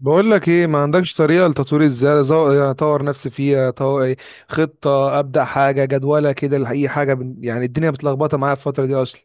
بقول لك ايه؟ ما عندكش طريقه لتطوير ازاي؟ يعني اطور نفسي فيها إيه، خطه ابدا حاجه جدوله كده لاي حاجه يعني الدنيا متلخبطه معايا في الفتره دي اصلا.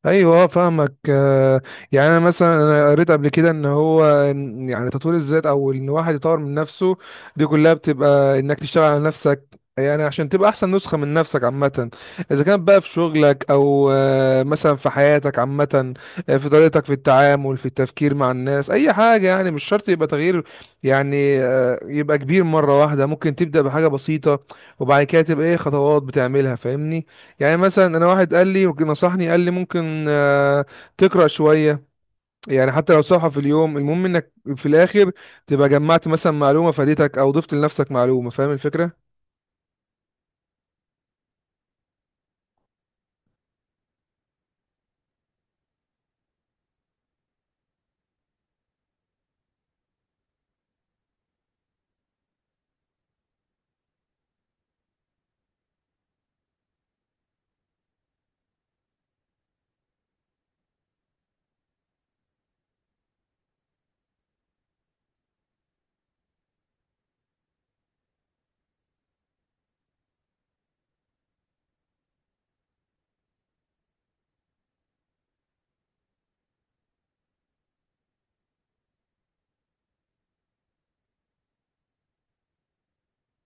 ايوه، فاهمك. يعني انا مثلا قريت قبل كده ان هو، يعني تطوير الذات او ان واحد يطور من نفسه، دي كلها بتبقى انك تشتغل على نفسك، يعني عشان تبقى احسن نسخة من نفسك عامة. اذا كان بقى في شغلك او مثلا في حياتك عامة، في طريقتك في التعامل، في التفكير مع الناس، اي حاجة. يعني مش شرط يبقى تغيير، يعني يبقى كبير مرة واحدة، ممكن تبدأ بحاجة بسيطة وبعد كده تبقى ايه خطوات بتعملها، فاهمني؟ يعني مثلا انا واحد قال لي نصحني، قال لي ممكن تقرا شويه، يعني حتى لو صفحه في اليوم، المهم انك في الاخر تبقى جمعت مثلا معلومه فادتك او ضفت لنفسك معلومه. فاهم الفكره؟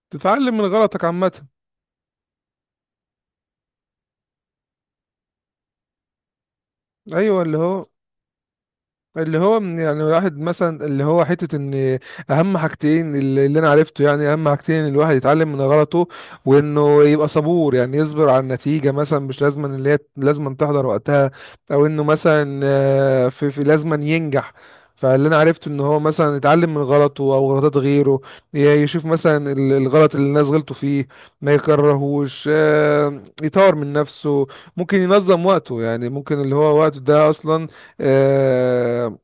تتعلم من غلطك عامه. ايوه، اللي هو، اللي هو يعني الواحد مثلا اللي هو حتة ان، اهم حاجتين اللي انا عرفته، يعني اهم حاجتين: الواحد يتعلم من غلطه، وانه يبقى صبور، يعني يصبر على النتيجة، مثلا مش لازم ان اللي هي لازم تحضر وقتها، او انه مثلا في لازم أن ينجح. فاللي انا عرفته ان هو مثلا يتعلم من غلطه او غلطات غيره، يشوف مثلا الغلط اللي الناس غلطوا فيه ما يكرهوش، يطور من نفسه. ممكن ينظم وقته، يعني ممكن اللي هو وقته ده اصلا، آه،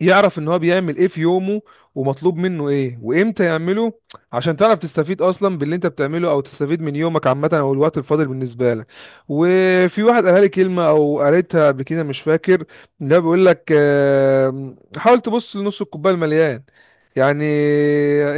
يعرف ان هو بيعمل ايه في يومه ومطلوب منه ايه وامتى يعمله، عشان تعرف تستفيد اصلا باللي انت بتعمله او تستفيد من يومك عامه او الوقت الفاضل بالنسبه لك. وفي واحد قالها لي كلمه، او قريتها قبل كده مش فاكر، لا بيقول لك حاول تبص لنص الكوبايه المليان. يعني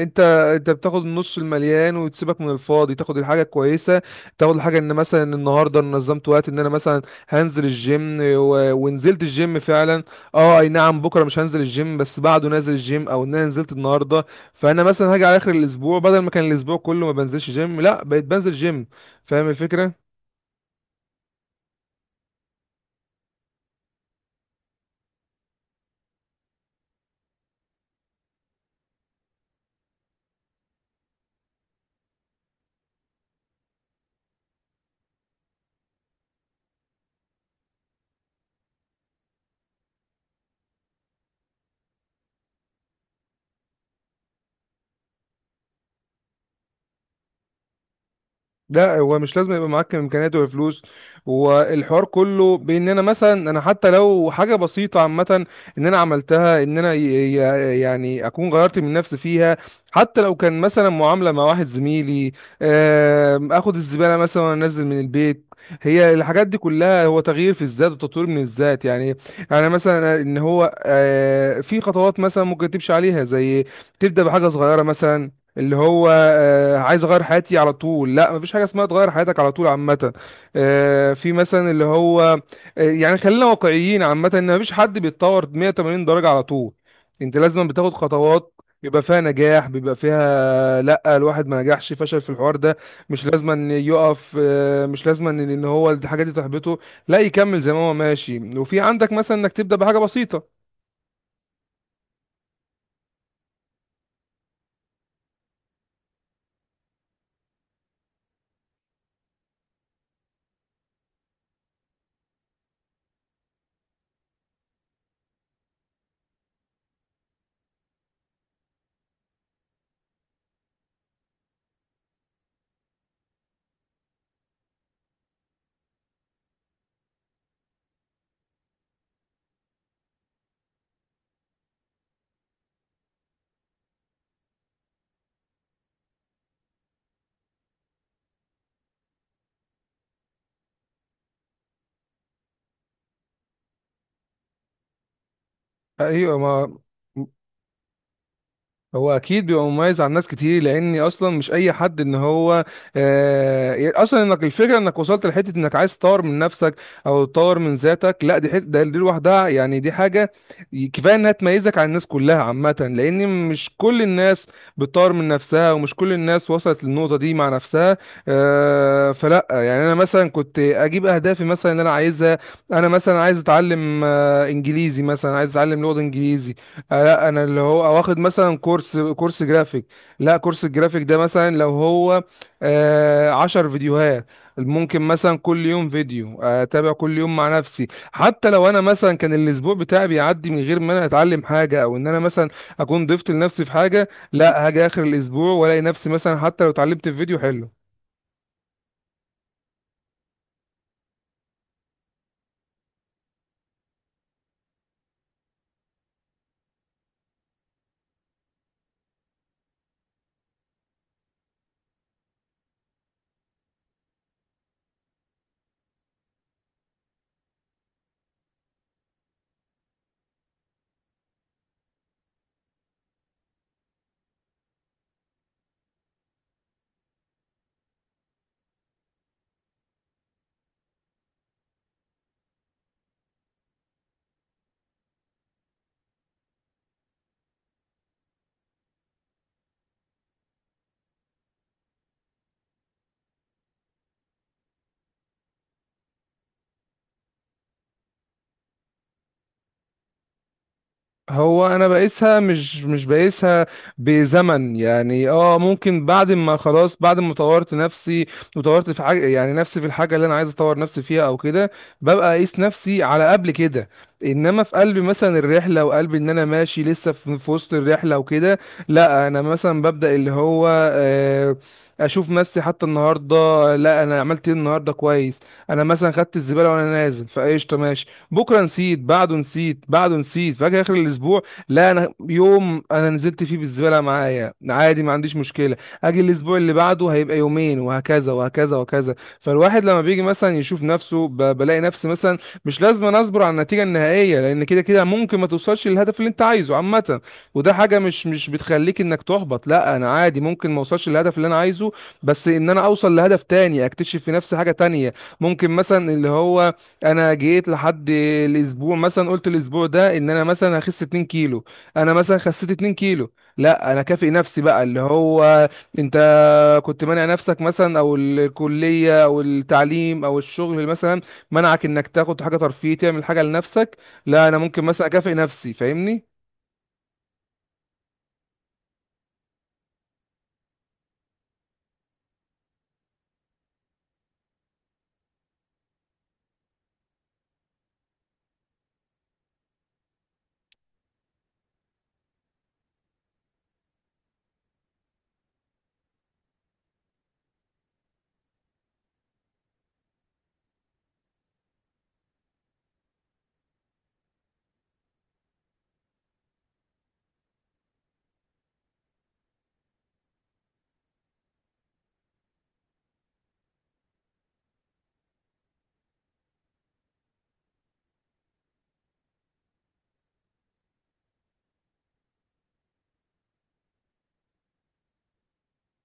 انت انت بتاخد النص المليان وتسيبك من الفاضي، تاخد الحاجه الكويسه، تاخد الحاجه ان مثلا النهارده أنا نظمت وقت، ان انا مثلا هنزل الجيم ونزلت الجيم فعلا. اه، اي نعم، بكره مش هنزل الجيم، بس بعده نازل الجيم، او ان انا نزلت النهارده. فانا مثلا هاجي على اخر الاسبوع، بدل ما كان الاسبوع كله ما بنزلش جيم، لا بقيت بنزل جيم. فاهم الفكره؟ لا، هو مش لازم يبقى معاك امكانيات وفلوس. والحوار كله بان انا مثلا، انا حتى لو حاجه بسيطه عامه ان انا عملتها، ان انا يعني اكون غيرت من نفسي فيها، حتى لو كان مثلا معامله مع واحد زميلي، اخد الزباله مثلا وانزل من البيت. هي الحاجات دي كلها هو تغيير في الذات وتطوير من الذات يعني. يعني مثلا ان هو في خطوات مثلا ممكن تمشي عليها، زي تبدا بحاجه صغيره مثلا. اللي هو عايز اغير حياتي على طول، لا مفيش حاجه اسمها تغير حياتك على طول عامه. آه، في مثلا اللي هو آه، يعني خلينا واقعيين عامه، ان مفيش حد بيتطور 180 درجه على طول، انت لازم بتاخد خطوات، بيبقى فيها نجاح بيبقى فيها لا، الواحد ما نجحش، فشل في الحوار ده، مش لازم ان يقف، مش لازم ان إن هو الحاجه دي تحبطه، لا يكمل زي ما هو ماشي، وفي عندك مثلا انك تبدا بحاجه بسيطه. ايوه، ما هو اكيد بيبقى مميز عن ناس كتير، لاني اصلا مش اي حد ان هو اصلا انك، الفكره انك وصلت لحته انك عايز تطور من نفسك او تطور من ذاتك، لا دي حته دي لوحدها يعني، دي حاجه كفايه انها تميزك عن الناس كلها عامه، لان مش كل الناس بتطور من نفسها، ومش كل الناس وصلت للنقطه دي مع نفسها. فلا، يعني انا مثلا كنت اجيب اهدافي مثلا اللي انا عايزها. انا مثلا عايز اتعلم انجليزي مثلا، عايز اتعلم لغه انجليزي، لا انا اللي هو واخد مثلا كورس جرافيك. لا كورس الجرافيك ده مثلا لو هو 10 فيديوهات، ممكن مثلا كل يوم فيديو، اتابع كل يوم مع نفسي. حتى لو انا مثلا كان الاسبوع بتاعي بيعدي من غير ما انا اتعلم حاجه او ان انا مثلا اكون ضفت لنفسي في حاجه، لا هاجي اخر الاسبوع والاقي نفسي مثلا حتى لو اتعلمت في فيديو حلو. هو انا بقيسها، مش بقيسها بزمن. يعني اه، ممكن بعد ما خلاص بعد ما طورت نفسي وطورت في حاجه، يعني نفسي في الحاجه اللي انا عايز اطور نفسي فيها او كده، ببقى اقيس نفسي على قبل كده. انما في قلب مثلا الرحله، وقلب ان انا ماشي لسه في وسط الرحله وكده، لا انا مثلا ببدا اللي هو، آه، اشوف نفسي حتى النهارده، لا انا عملت ايه النهارده كويس، انا مثلا خدت الزباله وانا نازل فايش. بكره نسيت، بعده نسيت، بعده نسيت، فاجي اخر الاسبوع، لا انا يوم انا نزلت فيه بالزباله معايا عادي، ما عنديش مشكله. اجي الاسبوع اللي بعده هيبقى يومين، وهكذا وهكذا وهكذا. فالواحد لما بيجي مثلا يشوف نفسه، بلاقي نفسي مثلا مش لازم أنا اصبر على النتيجه النهائيه، لان كده كده ممكن ما توصلش للهدف اللي انت عايزه عامه. وده حاجه مش بتخليك انك تحبط، لا انا عادي، ممكن ما اوصلش للهدف اللي انا عايزه، بس ان انا اوصل لهدف تاني، اكتشف في نفسي حاجه تانية. ممكن مثلا اللي هو انا جيت لحد الاسبوع مثلا قلت الاسبوع ده ان انا مثلا هخس 2 كيلو، انا مثلا خسيت 2 كيلو، لا انا كافئ نفسي بقى اللي هو، انت كنت مانع نفسك مثلا، او الكليه او التعليم او الشغل مثلا منعك انك تاخد حاجه ترفيهيه تعمل حاجه لنفسك، لا انا ممكن مثلا اكافئ نفسي. فاهمني؟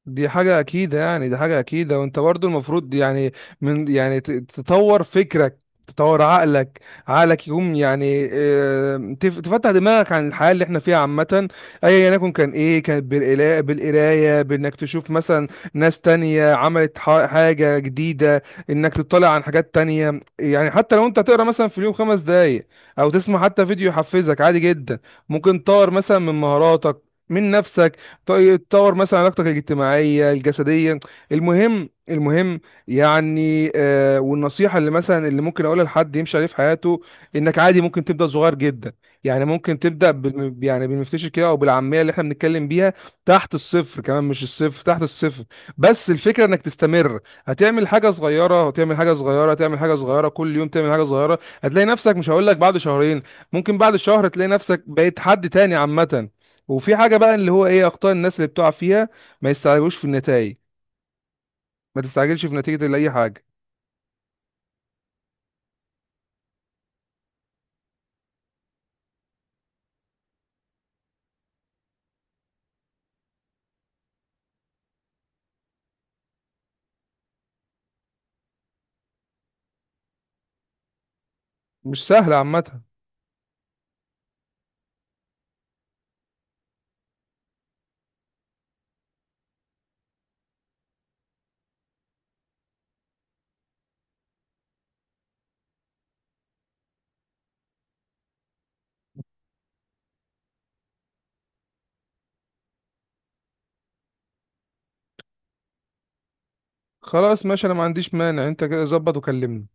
دي حاجة أكيدة، يعني دي حاجة أكيدة، وأنت برضو المفروض يعني من، يعني تطور فكرك، تطور عقلك، عقلك يقوم يعني تفتح دماغك عن الحياة اللي احنا فيها عامة، أيا يكن، كان إيه؟ كانت بالقراية، بإنك تشوف مثلا ناس تانية عملت حاجة جديدة، إنك تطلع عن حاجات تانية. يعني حتى لو أنت تقرا مثلا في اليوم 5 دقايق، أو تسمع حتى فيديو يحفزك، عادي جدا. ممكن تطور مثلا من مهاراتك، من نفسك. طيب تطور مثلا علاقتك الاجتماعيه، الجسديه، المهم المهم. يعني والنصيحه اللي مثلا اللي ممكن اقولها لحد يمشي عليه في حياته، انك عادي ممكن تبدا صغير جدا. يعني ممكن تبدا يعني بالمفتشر كده، او بالعاميه اللي احنا بنتكلم بيها، تحت الصفر كمان، مش الصفر، تحت الصفر، بس الفكره انك تستمر. هتعمل حاجه صغيره، هتعمل حاجه صغيره، هتعمل حاجه صغيره، كل يوم تعمل حاجه صغيره، هتلاقي نفسك، مش هقول لك بعد شهرين، ممكن بعد شهر تلاقي نفسك بقيت حد تاني عامه. وفي حاجه بقى اللي هو ايه؟ اخطاء الناس اللي بتقع فيها: ما يستعجلوش في النتائج، ما تستعجلش في نتيجه لاي حاجه، مش سهله عامه. خلاص، ماشي، انا ما عنديش مانع. انت كده ظبط وكلمني.